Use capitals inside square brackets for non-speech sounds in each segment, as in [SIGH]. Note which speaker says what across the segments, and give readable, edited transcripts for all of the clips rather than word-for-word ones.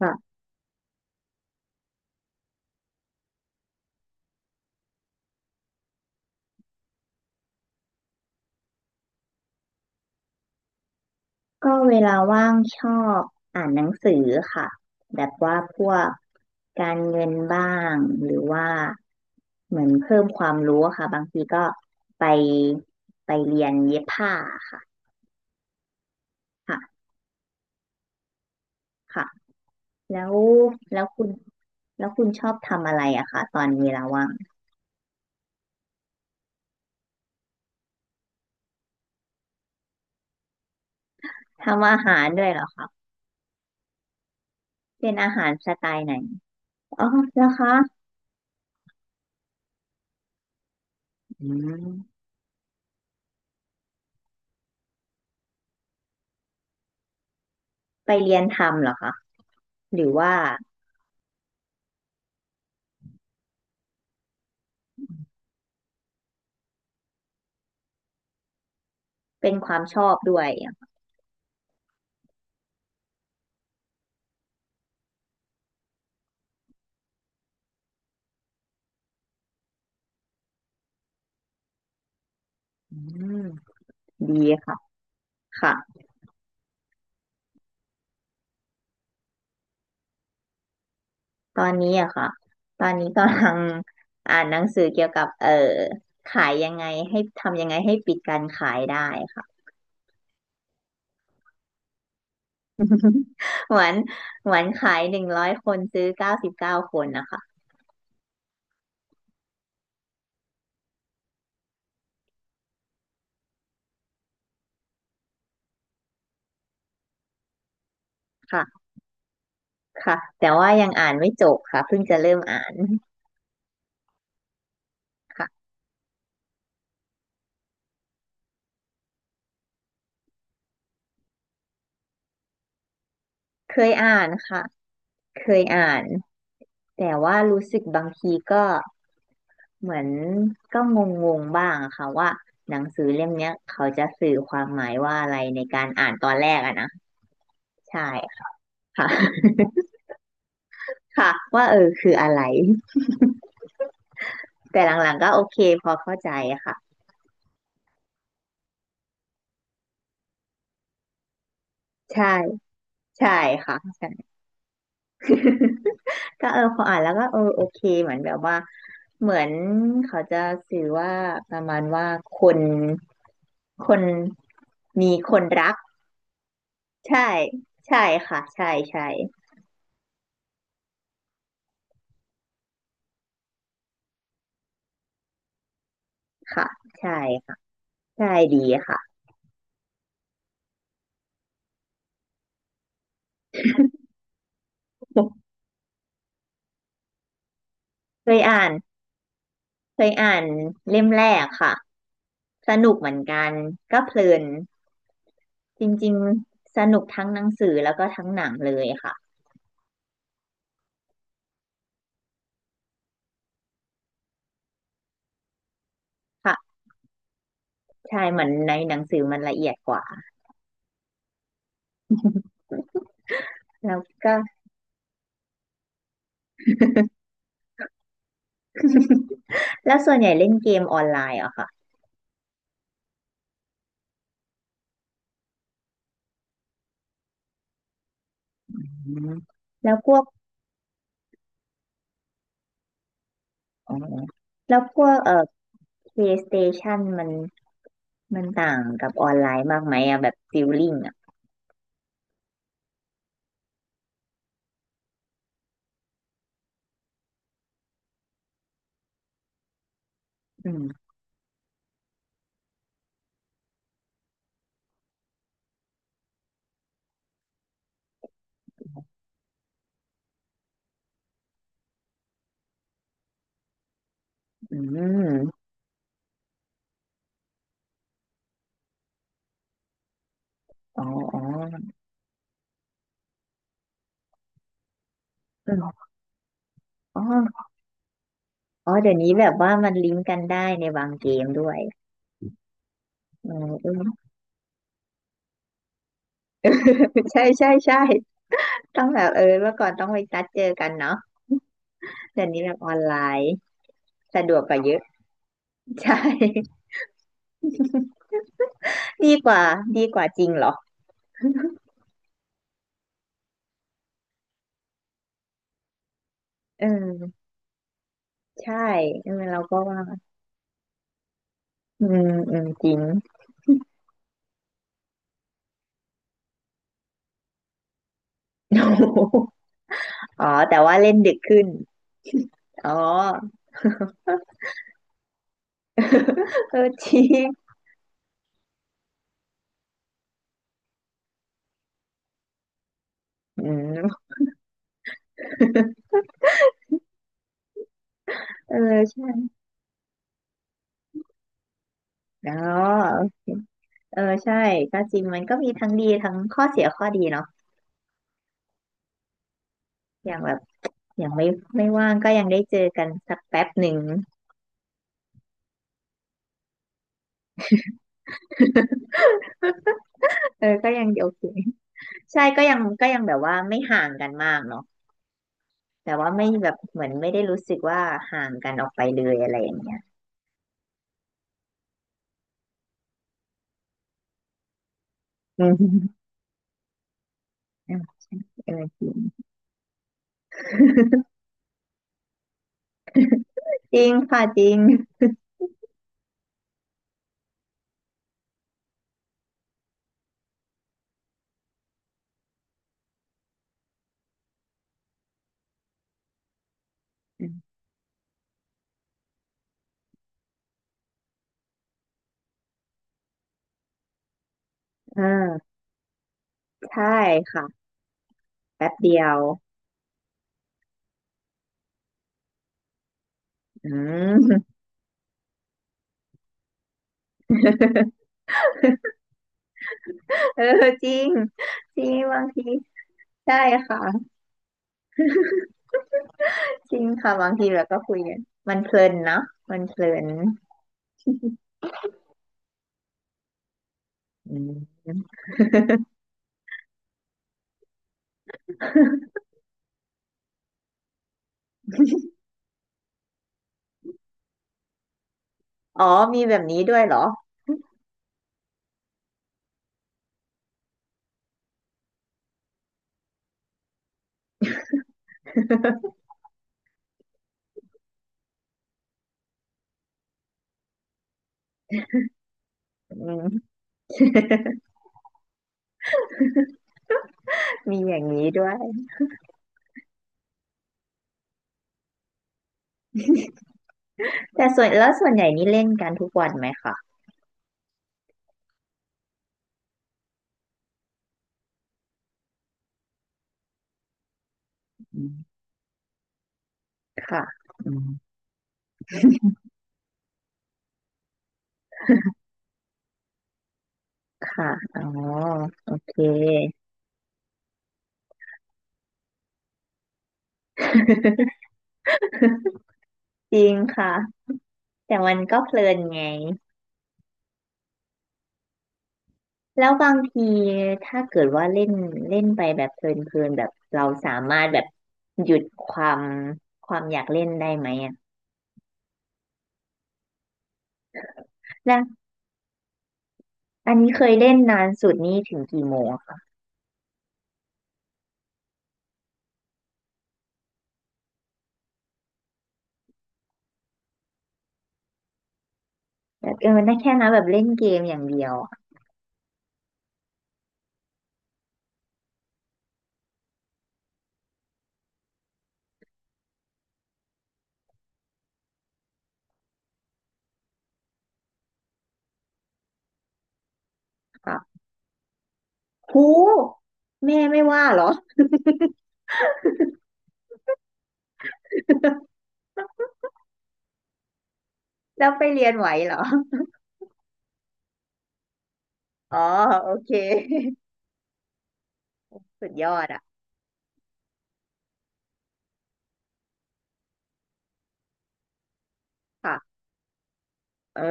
Speaker 1: ค่ะก็เวลาว่างชอบอ่านหนังสือค่ะแบบว่าพวกการเงินบ้างหรือว่าเหมือนเพิ่มความรู้อะค่ะบางทีก็ไปไปเรียนเย็บผ้าค่ะค่ะค่ะแล้วแล้วคุณแล้วคุณชอบทำอะไรอะคะตอนเวลาว่างทำอาหารด้วยเหรอคะเป็นอาหารสไตล์ไหนอ๋อแล้วคะอืมไปเรียนทำเหรอคะหรือว่าเป็นความชอบด้วยอะอืม ดีค่ะค่ะ ตอนนี้อะค่ะ ตอนนี้กำลังอ่านหนังสือเกี่ยวกับขายยังไงให้ทำยังไงให้ปิดการขายได้ค่ะ [LAUGHS] เหวานเหวนขาย100คนซื้อ99คนนะคะค่ะค่ะแต่ว่ายังอ่านไม่จบค่ะเพิ่งจะเริ่มอ่านค่ะเคยอ่านค่ะเคยอ่าน แต่ว่ารู้สึกบางทีก็เหมือนก็งงๆบ้างอะค่ะว่าหนังสือเล่มเนี้ยเขาจะสื่อความหมายว่าอะไรในการอ่านตอนแรกอะนะใช่ค่ะ [LAUGHS] ค่ะว่าเออคืออะไรแต่หลังๆก็โอเคพอเข้าใจค่ะใช่ใช่ค่ะใช่ [LAUGHS] ก็เออพออ่านแล้วก็เออโอเคเหมือนแบบว่าเหมือนเขาจะสื่อว่าประมาณว่าคนคนมีคนรัก ใช่ใช่ค่ะใช่ใช่ค่ะใช่ค่ะใช่ดีค่ะเคยอ่านเคยอ่านเล่มแรกค่ะสนุกเหมือนกันก็เพลินจริงๆสนุกทั้งหนังสือแล้วก็ทั้งหนังเลยค่ะค่ะใช่เหมือนในหนังสือมันละเอียดกว่าแล้วก็ [LAUGHS] แล้วส่วนใหญ่เล่นเกมออนไลน์เหรอะค่ะอืมแล้วพวกอ๋อแล้วพวกPlayStation มันมันต่างกับออนไลน์มากไหมอะแบบฟิลลิ่งอะอืมอืม อ๋ออ๋อเอออ๋ออ๋อเดี๋ยวนี้แบบว่ามันลิงก์กันได้ในบางเกมด้วยอืม [LAUGHS] อืม [LAUGHS] ใช่ใช่ใช่ต้องแบบเออเมื่อก่อนต้องไปนัดเจอกันเนาะเดี๋ยวนี้แบบออนไลน์สะดวกกว่าเยอะ [LAUGHS] ใช่ [LAUGHS] ดีกว่าดีกว่าจริงเหรอเออใช่เออเราก็ว่าอืมอืมจริง [LAUGHS] อ๋อแต่ว่าเล่นดึกขึ้นอ๋อ [LAUGHS] เออจริงอืมเออใช่อ๋อโอเค เออใช่ก็จริงมันก็มีทั้งดีทั้งข้อเสียข้อดีเนาะอย่างแบบอย่างไม่ว่างก็ยังได้เจอกันสักแป๊บหนึ่ง [LAUGHS] เออก็ยังโอเค [LAUGHS] ใช่ก็ยังก็ยังแบบว่าไม่ห่างกันมากเนาะแต่ว่าไม่แบบเหมือนไม่ได้รู้สึกว่าห่างกันออกไปเลยอะไรอย่างเงี้ย [LAUGHS] อืมเออเออจริงจริงค่ะจริง [LAUGHS] เออใช่ค่ะแป๊บเดียวอืม [LAUGHS] เออจริงจริงบางทีใช่ค่ะ จริงค่ะบางทีเราก็คุยกันมันเพลินเนอะมันเพลินอืมอ๋อมีแบบนี้ด้วยเหรออืมมีอย่างนี้ด้วยแต่ส่วนแล้วส่วนใหญ่นี่เล่นกันทุกวันไหมคะอืมค่ะอืมค่ะอ๋อโอเค [LAUGHS] จริงค่ะแต่มันก็เพลินไงแล้วบางทีถ้าเกิดว่าเล่นเล่นไปแบบเพลินเพลินแบบเราสามารถแบบหยุดความอยากเล่นได้ไหมอ่ะแล้วอันนี้เคยเล่นนานสุดนี่ถึงกี่โมง แบบเออได้แค่นั้นแบบเล่นเกมอย่างเดียวอะค่ะหูแม่ไม่ว่าเหรอ [LAUGHS] แล้วไปเรียนไหวเหรอ [LAUGHS] อ๋อโอเค [LAUGHS] สุดยอดอ่ะค่ะเออ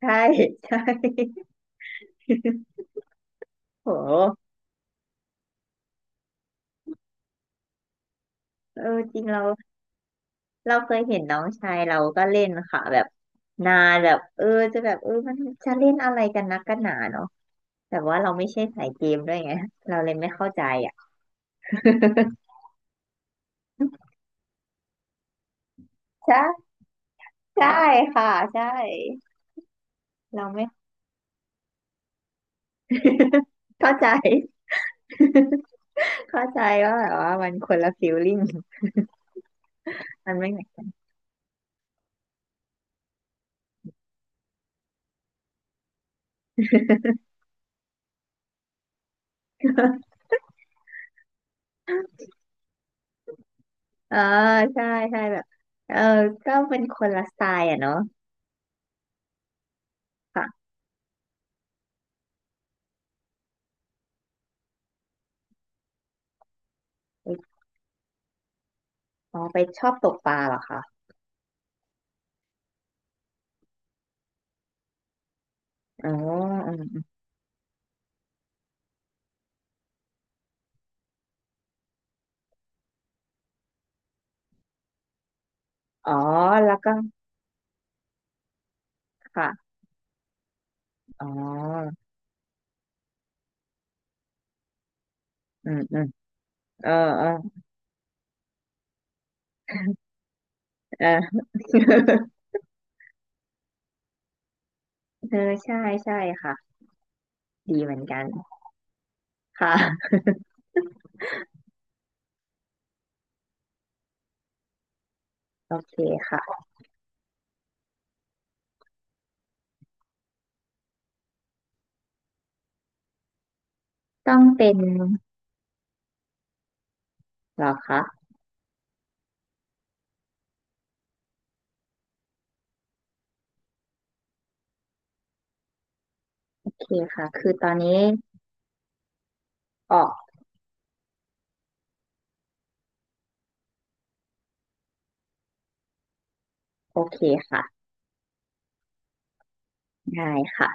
Speaker 1: ใช่ [LAUGHS] ใช่โหเออจริงเราเคยเห็นน้องชายเราก็เล่นค่ะแบบนานแบบเออจะแบบเออมันจะเล่นอะไรกันนักกันหนาเนาะแต่ว่าเราไม่ใช่สายเกมด้วยไงเราเลยไม่เข้าใจอ่ะใช่ใช่ค่ะใช่เราไม่ [LAUGHS] เข้าใจ เข้าใจว่าแบบว่ามันคนละฟีลลิ่ง [LAUGHS] มันไม่เหมือน [LAUGHS] ออใช่ใช่แบบเออก็เป็นคนละสไตล์อ่ะเนาะค่ะอ๋อไปชอบตกปลาเหรอคะอ๋ออืมอมอ๋อแล้วก็ค่ะอ๋ออืมอืมเออเออเออ [LAUGHS] เออใช่ใช่ค่ะดีเหมือนกันค่ะโอเคค่ะต้องเป็นเหรอคะโอเคค่ะคือตอนนี้ออกโอเคค่ะได้ค่ะ